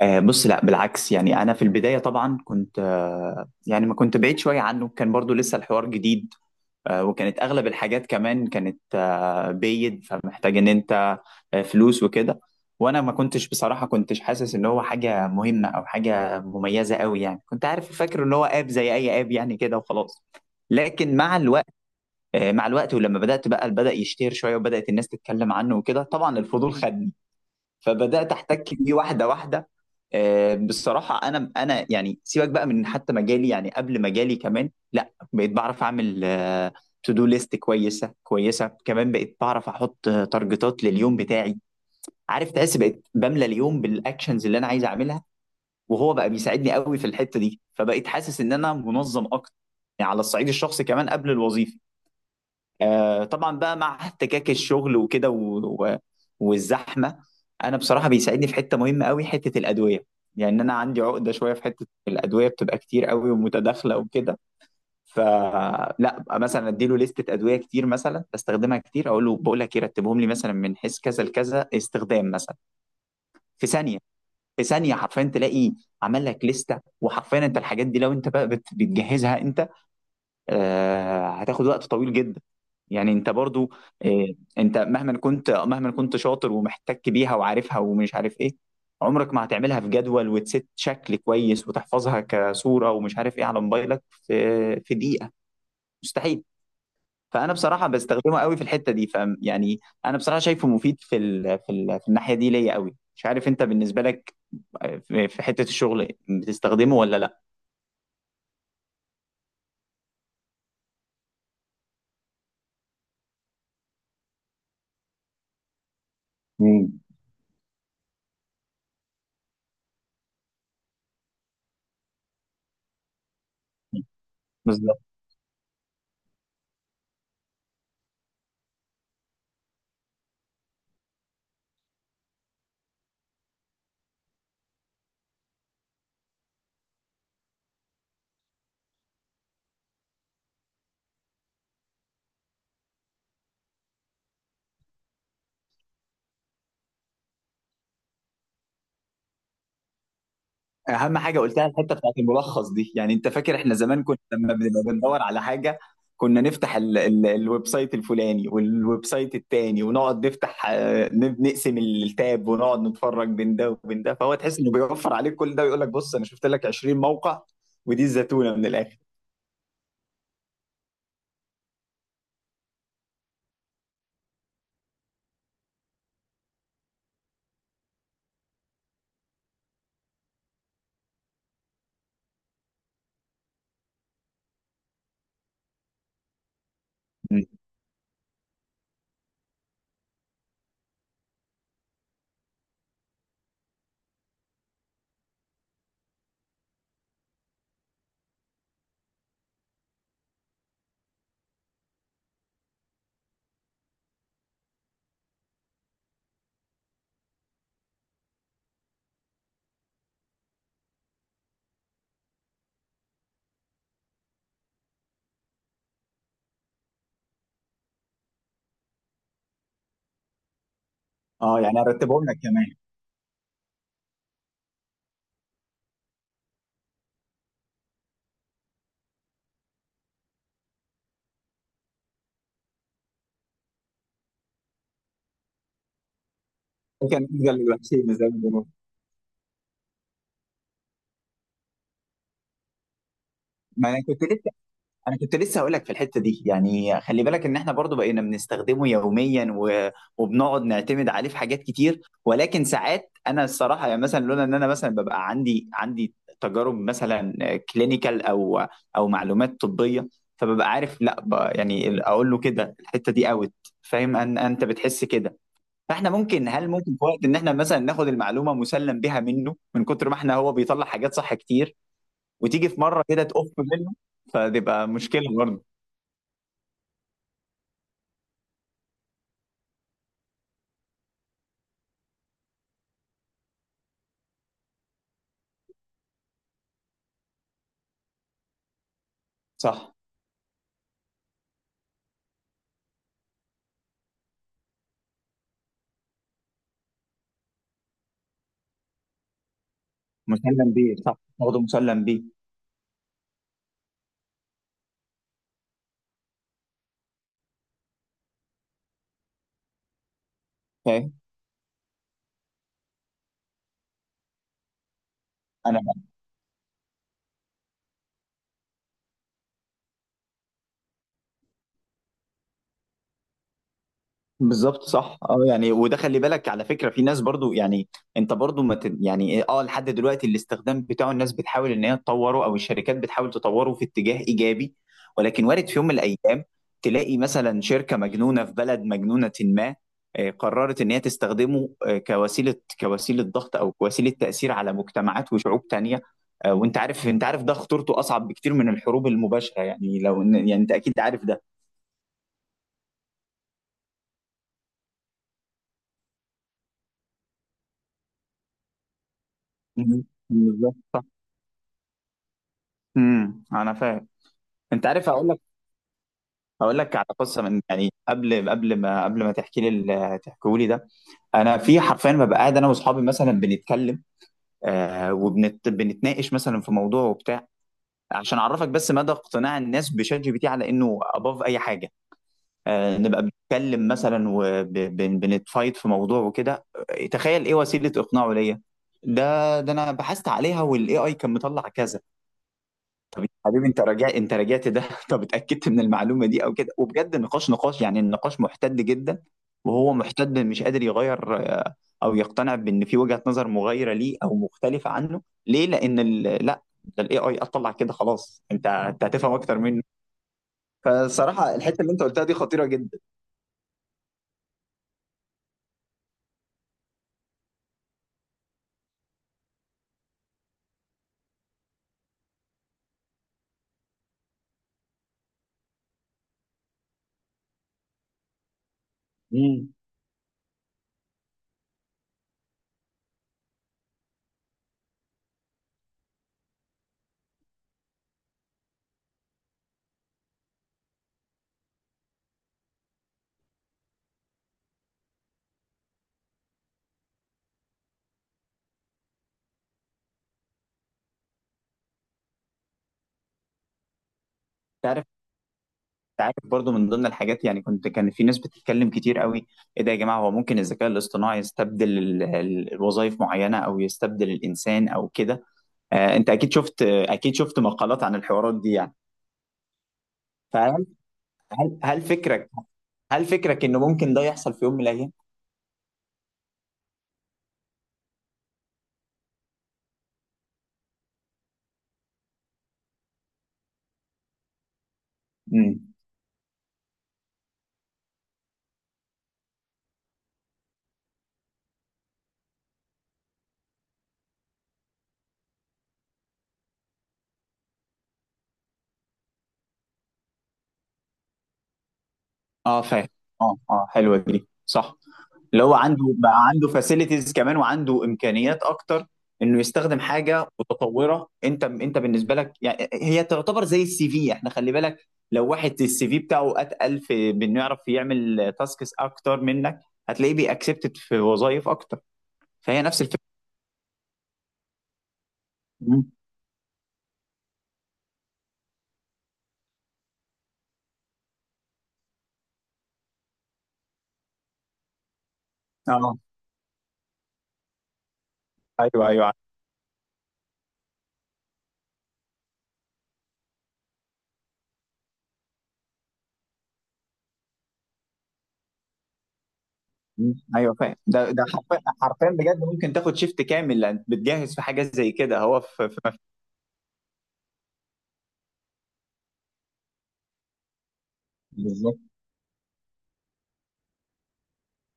آه، بص، لا بالعكس. يعني انا في البدايه طبعا كنت يعني ما كنت بعيد شويه عنه، كان برضو لسه الحوار جديد. وكانت اغلب الحاجات كمان كانت بيد، فمحتاج ان انت فلوس وكده. وانا ما كنتش بصراحه كنتش حاسس ان هو حاجه مهمه او حاجه مميزه قوي، يعني كنت عارف فاكر ان هو اب زي اي اب يعني كده وخلاص. لكن مع الوقت، ولما بدات بقى بدأ يشتهر شويه وبدات الناس تتكلم عنه وكده، طبعا الفضول خدني. فبدات احتك بيه واحده واحده. بصراحه، انا يعني سيبك بقى من حتى مجالي، يعني قبل مجالي كمان، لا بقيت بعرف اعمل تو دو ليست كويسه كويسه. كمان بقيت بعرف احط تارجتات لليوم بتاعي. عارف، تحس بقيت بملى اليوم بالاكشنز اللي انا عايز اعملها، وهو بقى بيساعدني قوي في الحته دي، فبقيت حاسس ان انا منظم اكتر. يعني على الصعيد الشخصي كمان قبل الوظيفه. طبعا بقى مع احتكاك الشغل وكده، و... والزحمه. انا بصراحه بيساعدني في حته مهمه قوي، حته الادويه. يعني انا عندي عقده شويه في حته الادويه، بتبقى كتير قوي ومتداخله وكده. فلا أبقى مثلا اديله لستة ادويه كتير مثلا بستخدمها كتير، اقول له، بقول لك ايه، رتبهم لي مثلا من حيث كذا لكذا استخدام مثلا. في ثانيه في ثانيه حرفيا تلاقي عمل لك لستة. وحرفيا انت الحاجات دي لو انت بقى بتجهزها انت هتاخد وقت طويل جدا. يعني انت برضو، إيه، انت مهما كنت شاطر ومحتك بيها وعارفها ومش عارف ايه، عمرك ما هتعملها في جدول وتست شكل كويس وتحفظها كصورة ومش عارف ايه على موبايلك في في دقيقة. مستحيل. فانا بصراحة بستخدمه قوي في الحتة دي، فم، يعني، انا بصراحة شايفه مفيد في الناحية دي ليا قوي. مش عارف انت بالنسبة لك، في حتة الشغل بتستخدمه ولا لا؟ مم. بالظبط. اهم حاجه قلتها الحته بتاعت الملخص دي. يعني انت فاكر احنا زمان كنا لما بنبقى بندور على حاجه، كنا نفتح ال الويب سايت الفلاني والويب سايت التاني ونقعد نفتح نقسم التاب ونقعد نتفرج بين ده وبين ده. فهو تحس انه بيوفر عليك كل ده ويقول لك بص انا شفت لك 20 موقع ودي الزتونه من الاخر. م. اه يعني ارتبهم لك كمان. ده كان افضل شيء. ما انا كنت انا كنت لسه هقول لك في الحته دي. يعني خلي بالك ان احنا برضو بقينا بنستخدمه يوميا وبنقعد نعتمد عليه في حاجات كتير. ولكن ساعات انا الصراحه يعني مثلا لولا ان انا مثلا ببقى عندي تجارب مثلا كلينيكال او معلومات طبيه، فببقى عارف لا يعني اقول له كده الحته دي اوت. فاهم ان انت بتحس كده. فاحنا ممكن، هل ممكن في وقت ان احنا مثلا ناخد المعلومه مسلم بها منه من كتر ما احنا هو بيطلع حاجات صح كتير، وتيجي في مره كده تقف منه، فتبقى مشكله برضه. صح، مسلم بيه. صح برضه مسلم بيه. فاهم. انا بالظبط. صح. اه، يعني، وده خلي بالك على فكره في ناس برضو، يعني انت برضو ما ت... يعني، إيه، اه، لحد دلوقتي الاستخدام بتاعه الناس بتحاول ان هي تطوره، او الشركات بتحاول تطوره في اتجاه ايجابي. ولكن وارد في يوم من الايام تلاقي مثلا شركه مجنونه في بلد مجنونه ما قررت ان هي تستخدمه كوسيله ضغط او كوسيله تاثير على مجتمعات وشعوب تانيه. وانت عارف ده خطورته اصعب بكتير من الحروب المباشره. يعني لو يعني انت اكيد عارف ده. مم. بالظبط، صح. انا فاهم. انت عارف، هقول لك على قصه، من، يعني، قبل ما تحكي لي، تحكوا لي ده. انا في حرفيا ما بقى، قاعد انا واصحابي مثلا بنتكلم آه وبنت بنتناقش مثلا في موضوع وبتاع. عشان اعرفك بس مدى اقتناع الناس بشات جي بي تي على انه اباف اي حاجه. آه، نبقى بنتكلم مثلا وبنتفايت في موضوع وكده، تخيل ايه وسيله اقناعه ليا. ده ده انا بحثت عليها، والاي اي كان مطلع كذا. طب يا حبيبي، انت راجع، انت راجعت ده؟ طب اتاكدت من المعلومه دي او كده؟ وبجد النقاش نقاش، يعني النقاش محتد جدا. وهو محتد مش قادر يغير او يقتنع بان في وجهه نظر مغايره ليه او مختلفه عنه ليه، لان لا ده الاي اي اطلع كده، خلاص انت، انت هتفهم اكتر منه. فصراحه الحته اللي انت قلتها دي خطيره جدا. مم. تعرف تعرف برضو من ضمن الحاجات، يعني كان في ناس بتتكلم كتير قوي: ايه ده يا جماعه، هو ممكن الذكاء الاصطناعي يستبدل الوظائف معينه او يستبدل الانسان او كده. انت اكيد شفت مقالات عن الحوارات دي. يعني فهل هل هل فكرك هل فكرك انه ممكن ده يحصل في يوم من الايام؟ امم اه، فاهم. اه اه، حلوه دي، صح. اللي هو عنده بقى، عنده فاسيلتيز كمان وعنده امكانيات اكتر انه يستخدم حاجه متطوره. انت بالنسبه لك يعني، هي تعتبر زي السي في. احنا خلي بالك لو واحد السي في بتاعه اتقل في بانه يعرف يعمل تاسكس اكتر منك، هتلاقيه بيأكسبتد في وظائف اكتر. فهي نفس الفكره. مم. اه. ايوه، ايوه. مم. ايوه فاهم. ده حرفيا حرفيا بجد، ممكن تاخد شيفت كامل لان بتجهز في حاجات زي كده. هو في بالظبط.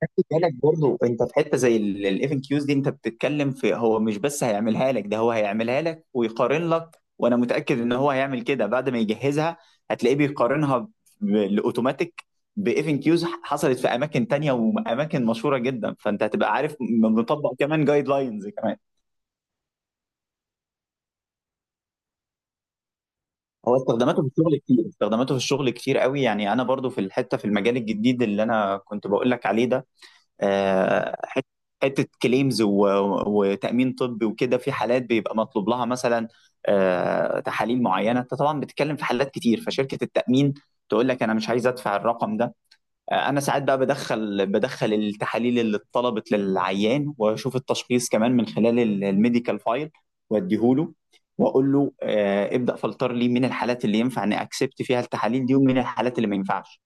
خلي بالك برضو، انت في حته زي الاف ان كيوز دي، انت بتتكلم في هو مش بس هيعملها لك، ده هو هيعملها لك ويقارن لك. وانا متاكد ان هو هيعمل كده بعد ما يجهزها، هتلاقيه بيقارنها بالاوتوماتيك باف ان كيوز حصلت في اماكن تانية واماكن مشهوره جدا، فانت هتبقى عارف مطبق كمان جايد لاينز كمان. هو استخداماته في الشغل كتير، استخداماته في الشغل كتير قوي. يعني انا برضو في الحته في المجال الجديد اللي انا كنت بقول لك عليه ده، آه، حت- حته كليمز وتامين طبي وكده. في حالات بيبقى مطلوب لها مثلا تحاليل معينه، انت طبعا بتتكلم في حالات كتير، فشركه التامين تقول لك انا مش عايز ادفع الرقم ده. انا ساعات بقى بدخل، التحاليل اللي اتطلبت للعيان واشوف التشخيص كمان من خلال الميديكال فايل واديهوله واقول له ابدا فلتر لي من الحالات اللي ينفع ان اكسبت فيها التحاليل دي ومن الحالات اللي ما ينفعش.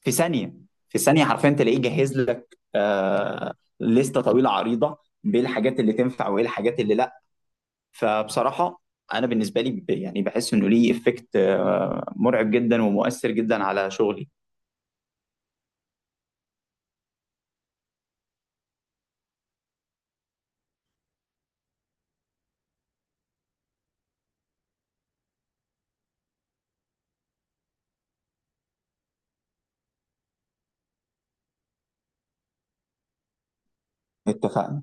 في ثانيه في ثانيه حرفيا تلاقيه جهز لك لسته طويله عريضه بالحاجات اللي تنفع وايه الحاجات اللي لا. فبصراحه انا بالنسبه لي يعني بحس انه ليه افكت مرعب جدا ومؤثر جدا على شغلي. اتفقنا.